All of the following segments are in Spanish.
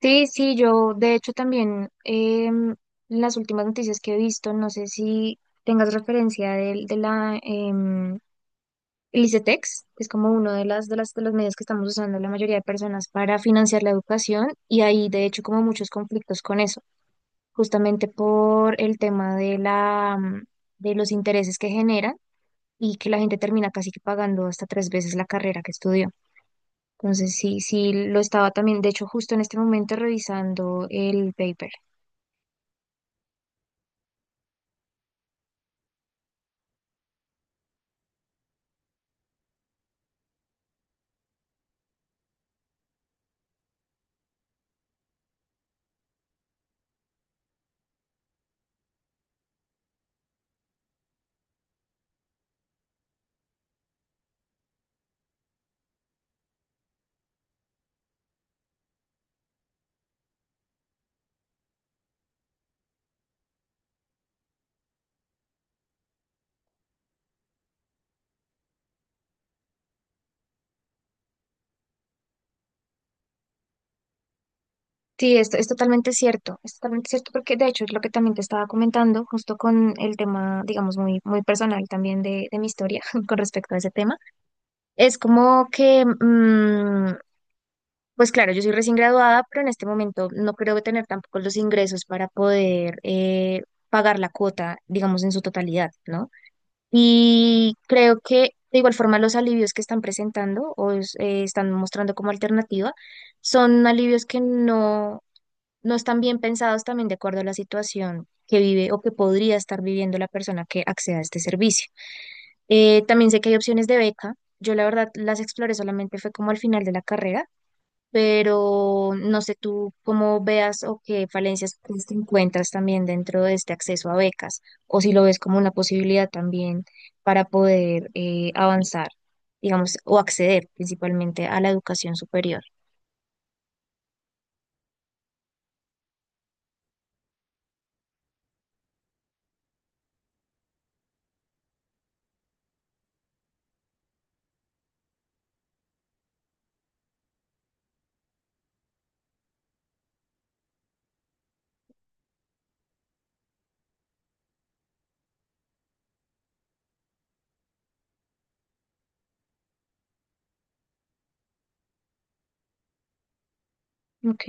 Sí, sí, yo de hecho también las últimas noticias que he visto, no sé si tengas referencia la el que es como uno de las de las de los medios que estamos usando la mayoría de personas para financiar la educación y hay de hecho como muchos conflictos con eso, justamente por el tema de de los intereses que generan y que la gente termina casi que pagando hasta tres veces la carrera que estudió. Entonces sí, sí lo estaba también, de hecho justo en este momento revisando el paper. Sí, esto es totalmente cierto porque de hecho es lo que también te estaba comentando justo con el tema, digamos, muy, muy personal también de mi historia con respecto a ese tema. Es como que, pues claro, yo soy recién graduada, pero en este momento no creo que tener tampoco los ingresos para poder pagar la cuota, digamos, en su totalidad, ¿no? Y creo que de igual forma los alivios que están presentando o están mostrando como alternativa son alivios que no están bien pensados también de acuerdo a la situación que vive o que podría estar viviendo la persona que acceda a este servicio. También sé que hay opciones de beca. Yo la verdad las exploré solamente fue como al final de la carrera, pero no sé tú cómo veas o qué falencias crees que encuentras también dentro de este acceso a becas o si lo ves como una posibilidad también para poder avanzar, digamos, o acceder principalmente a la educación superior. Ok,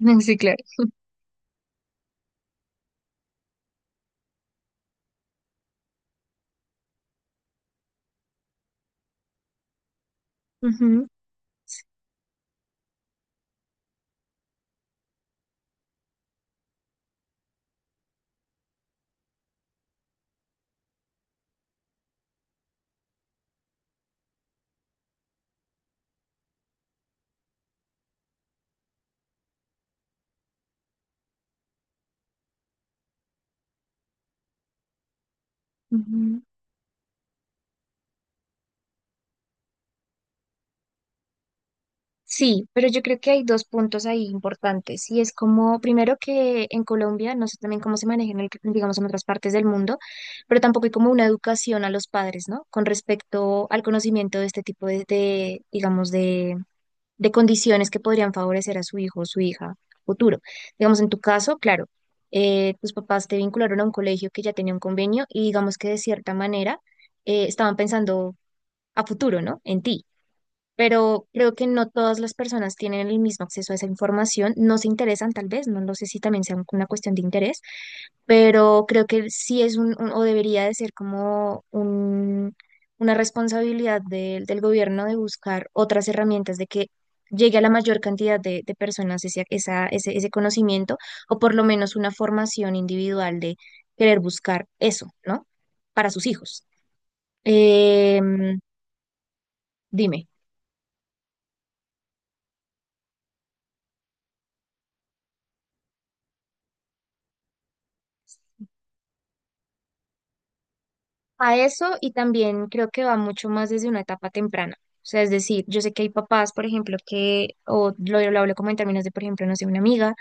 sí, claro. Ujú, ujú. Sí, pero yo creo que hay dos puntos ahí importantes y es como, primero que en Colombia, no sé también cómo se maneja digamos, en otras partes del mundo, pero tampoco hay como una educación a los padres, ¿no? Con respecto al conocimiento de este tipo de, digamos, de condiciones que podrían favorecer a su hijo o su hija futuro. Digamos, en tu caso, claro, tus papás te vincularon a un colegio que ya tenía un convenio y digamos que de cierta manera estaban pensando a futuro, ¿no? En ti. Pero creo que no todas las personas tienen el mismo acceso a esa información, no se interesan tal vez, no lo sé si también sea una cuestión de interés, pero creo que sí es o debería de ser como un, una responsabilidad del gobierno de buscar otras herramientas de que llegue a la mayor cantidad de personas ese conocimiento o por lo menos una formación individual de querer buscar eso, ¿no? Para sus hijos. Em, dime. A eso, y también creo que va mucho más desde una etapa temprana. O sea, es decir, yo sé que hay papás, por ejemplo, que, lo hablo como en términos de, por ejemplo, no sé, una amiga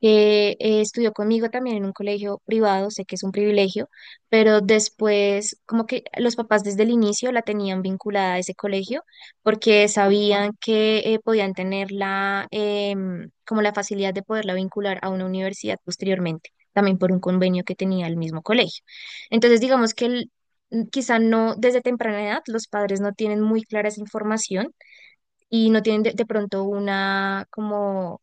que estudió conmigo también en un colegio privado, sé que es un privilegio, pero después como que los papás desde el inicio la tenían vinculada a ese colegio porque sabían que podían tener como la facilidad de poderla vincular a una universidad posteriormente, también por un convenio que tenía el mismo colegio. Entonces, digamos que quizá no desde temprana edad, los padres no tienen muy clara esa información y no tienen de pronto una como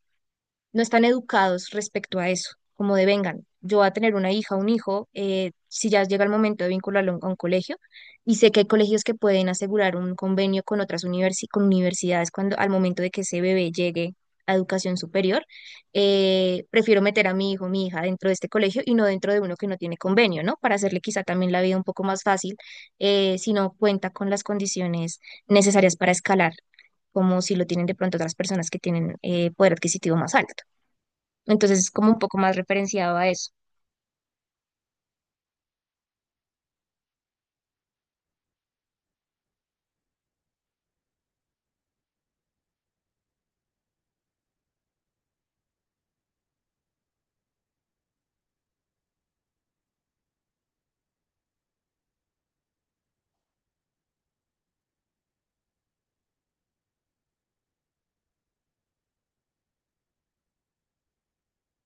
no están educados respecto a eso, como de vengan, yo voy a tener una hija, un hijo, si ya llega el momento de vincularlo a a un colegio, y sé que hay colegios que pueden asegurar un convenio con con universidades cuando al momento de que ese bebé llegue a educación superior, prefiero meter a mi hijo, mi hija dentro de este colegio y no dentro de uno que no tiene convenio, ¿no? Para hacerle quizá también la vida un poco más fácil, si no cuenta con las condiciones necesarias para escalar, como si lo tienen de pronto otras personas que tienen poder adquisitivo más alto. Entonces es como un poco más referenciado a eso.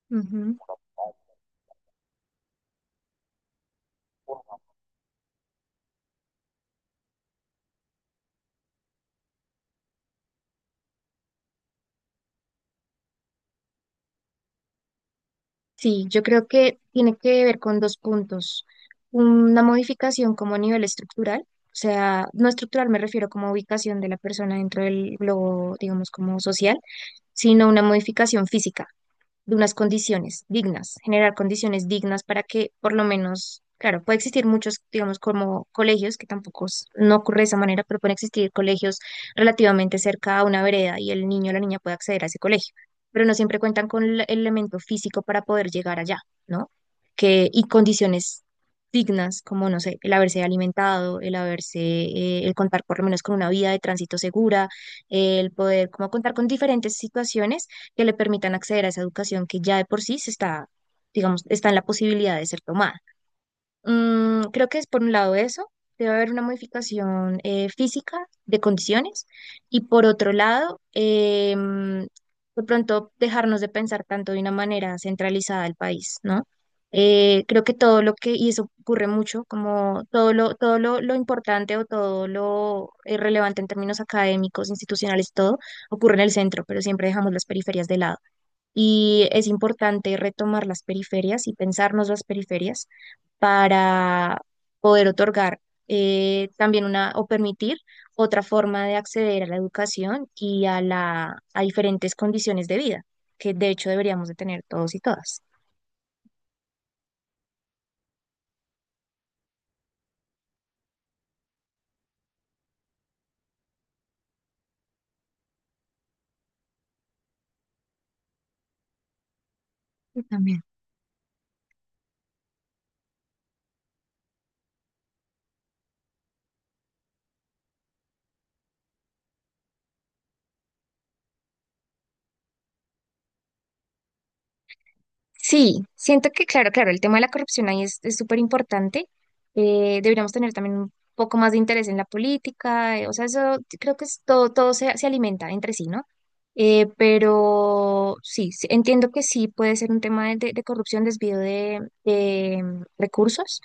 Ujú. Sí, yo creo que tiene que ver con dos puntos. Una modificación como a nivel estructural, o sea, no estructural me refiero como a ubicación de la persona dentro del globo, digamos, como social, sino una modificación física de unas condiciones dignas, generar condiciones dignas para que por lo menos, claro, puede existir muchos, digamos, como colegios, que tampoco es- no ocurre de esa manera, pero pueden existir colegios relativamente cerca a una vereda y el niño o la niña puede acceder a ese colegio, pero no siempre cuentan con el elemento físico para poder llegar allá, ¿no? Que, y condiciones dignas, como, no sé, el haberse alimentado, el haberse, el contar por lo menos con una vía de tránsito segura, el poder como contar con diferentes situaciones que le permitan acceder a esa educación que ya de por sí se está, digamos, está en la posibilidad de ser tomada. Mm, creo que es por un lado eso, debe haber una modificación física de condiciones y por otro lado, de pronto dejarnos de pensar tanto de una manera centralizada el país, ¿no? Creo que todo lo que, y eso ocurre mucho, como todo lo importante o todo lo relevante en términos académicos, institucionales, todo ocurre en el centro, pero siempre dejamos las periferias de lado. Y es importante retomar las periferias y pensarnos las periferias para poder otorgar también una o permitir otra forma de acceder a la educación y a a diferentes condiciones de vida, que de hecho deberíamos de tener todos y todas. Yo también. Sí, siento que, claro, claro, el tema de la corrupción ahí es súper importante. Deberíamos tener también un poco más de interés en la política, o sea, eso creo que es todo, todo se alimenta entre sí, ¿no? Pero sí, sí, entiendo que sí puede ser un tema de corrupción, desvío de recursos,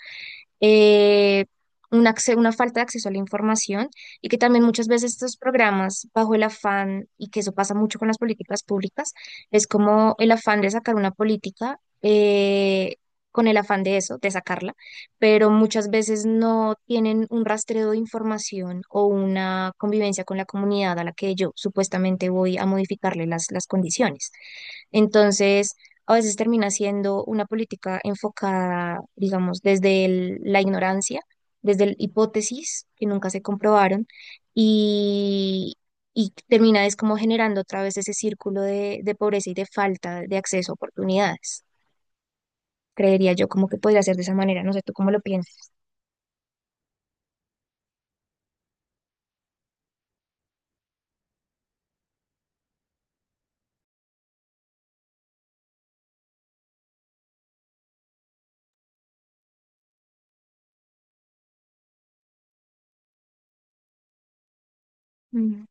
eh, una, una falta de acceso a la información y que también muchas veces estos programas bajo el afán, y que eso pasa mucho con las políticas públicas, es como el afán de sacar una política, con el afán de eso, de sacarla, pero muchas veces no tienen un rastreo de información o una convivencia con la comunidad a la que yo supuestamente voy a modificarle las condiciones. Entonces, a veces termina siendo una política enfocada, digamos, desde la ignorancia, desde hipótesis que nunca se comprobaron y termina es como generando otra vez ese círculo de pobreza y de falta de acceso a oportunidades. Creería yo como que podría ser de esa manera, no sé tú cómo lo piensas. Mm.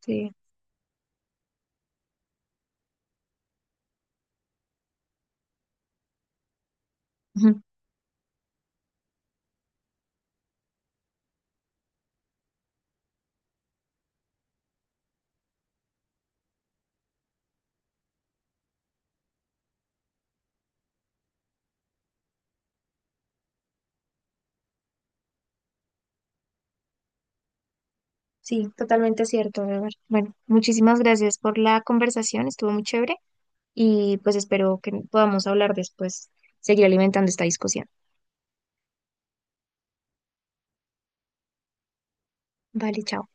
Sí. Ujú. Sí, totalmente cierto, Edward. Bueno, muchísimas gracias por la conversación, estuvo muy chévere y pues espero que podamos hablar después, seguir alimentando esta discusión. Vale, chao.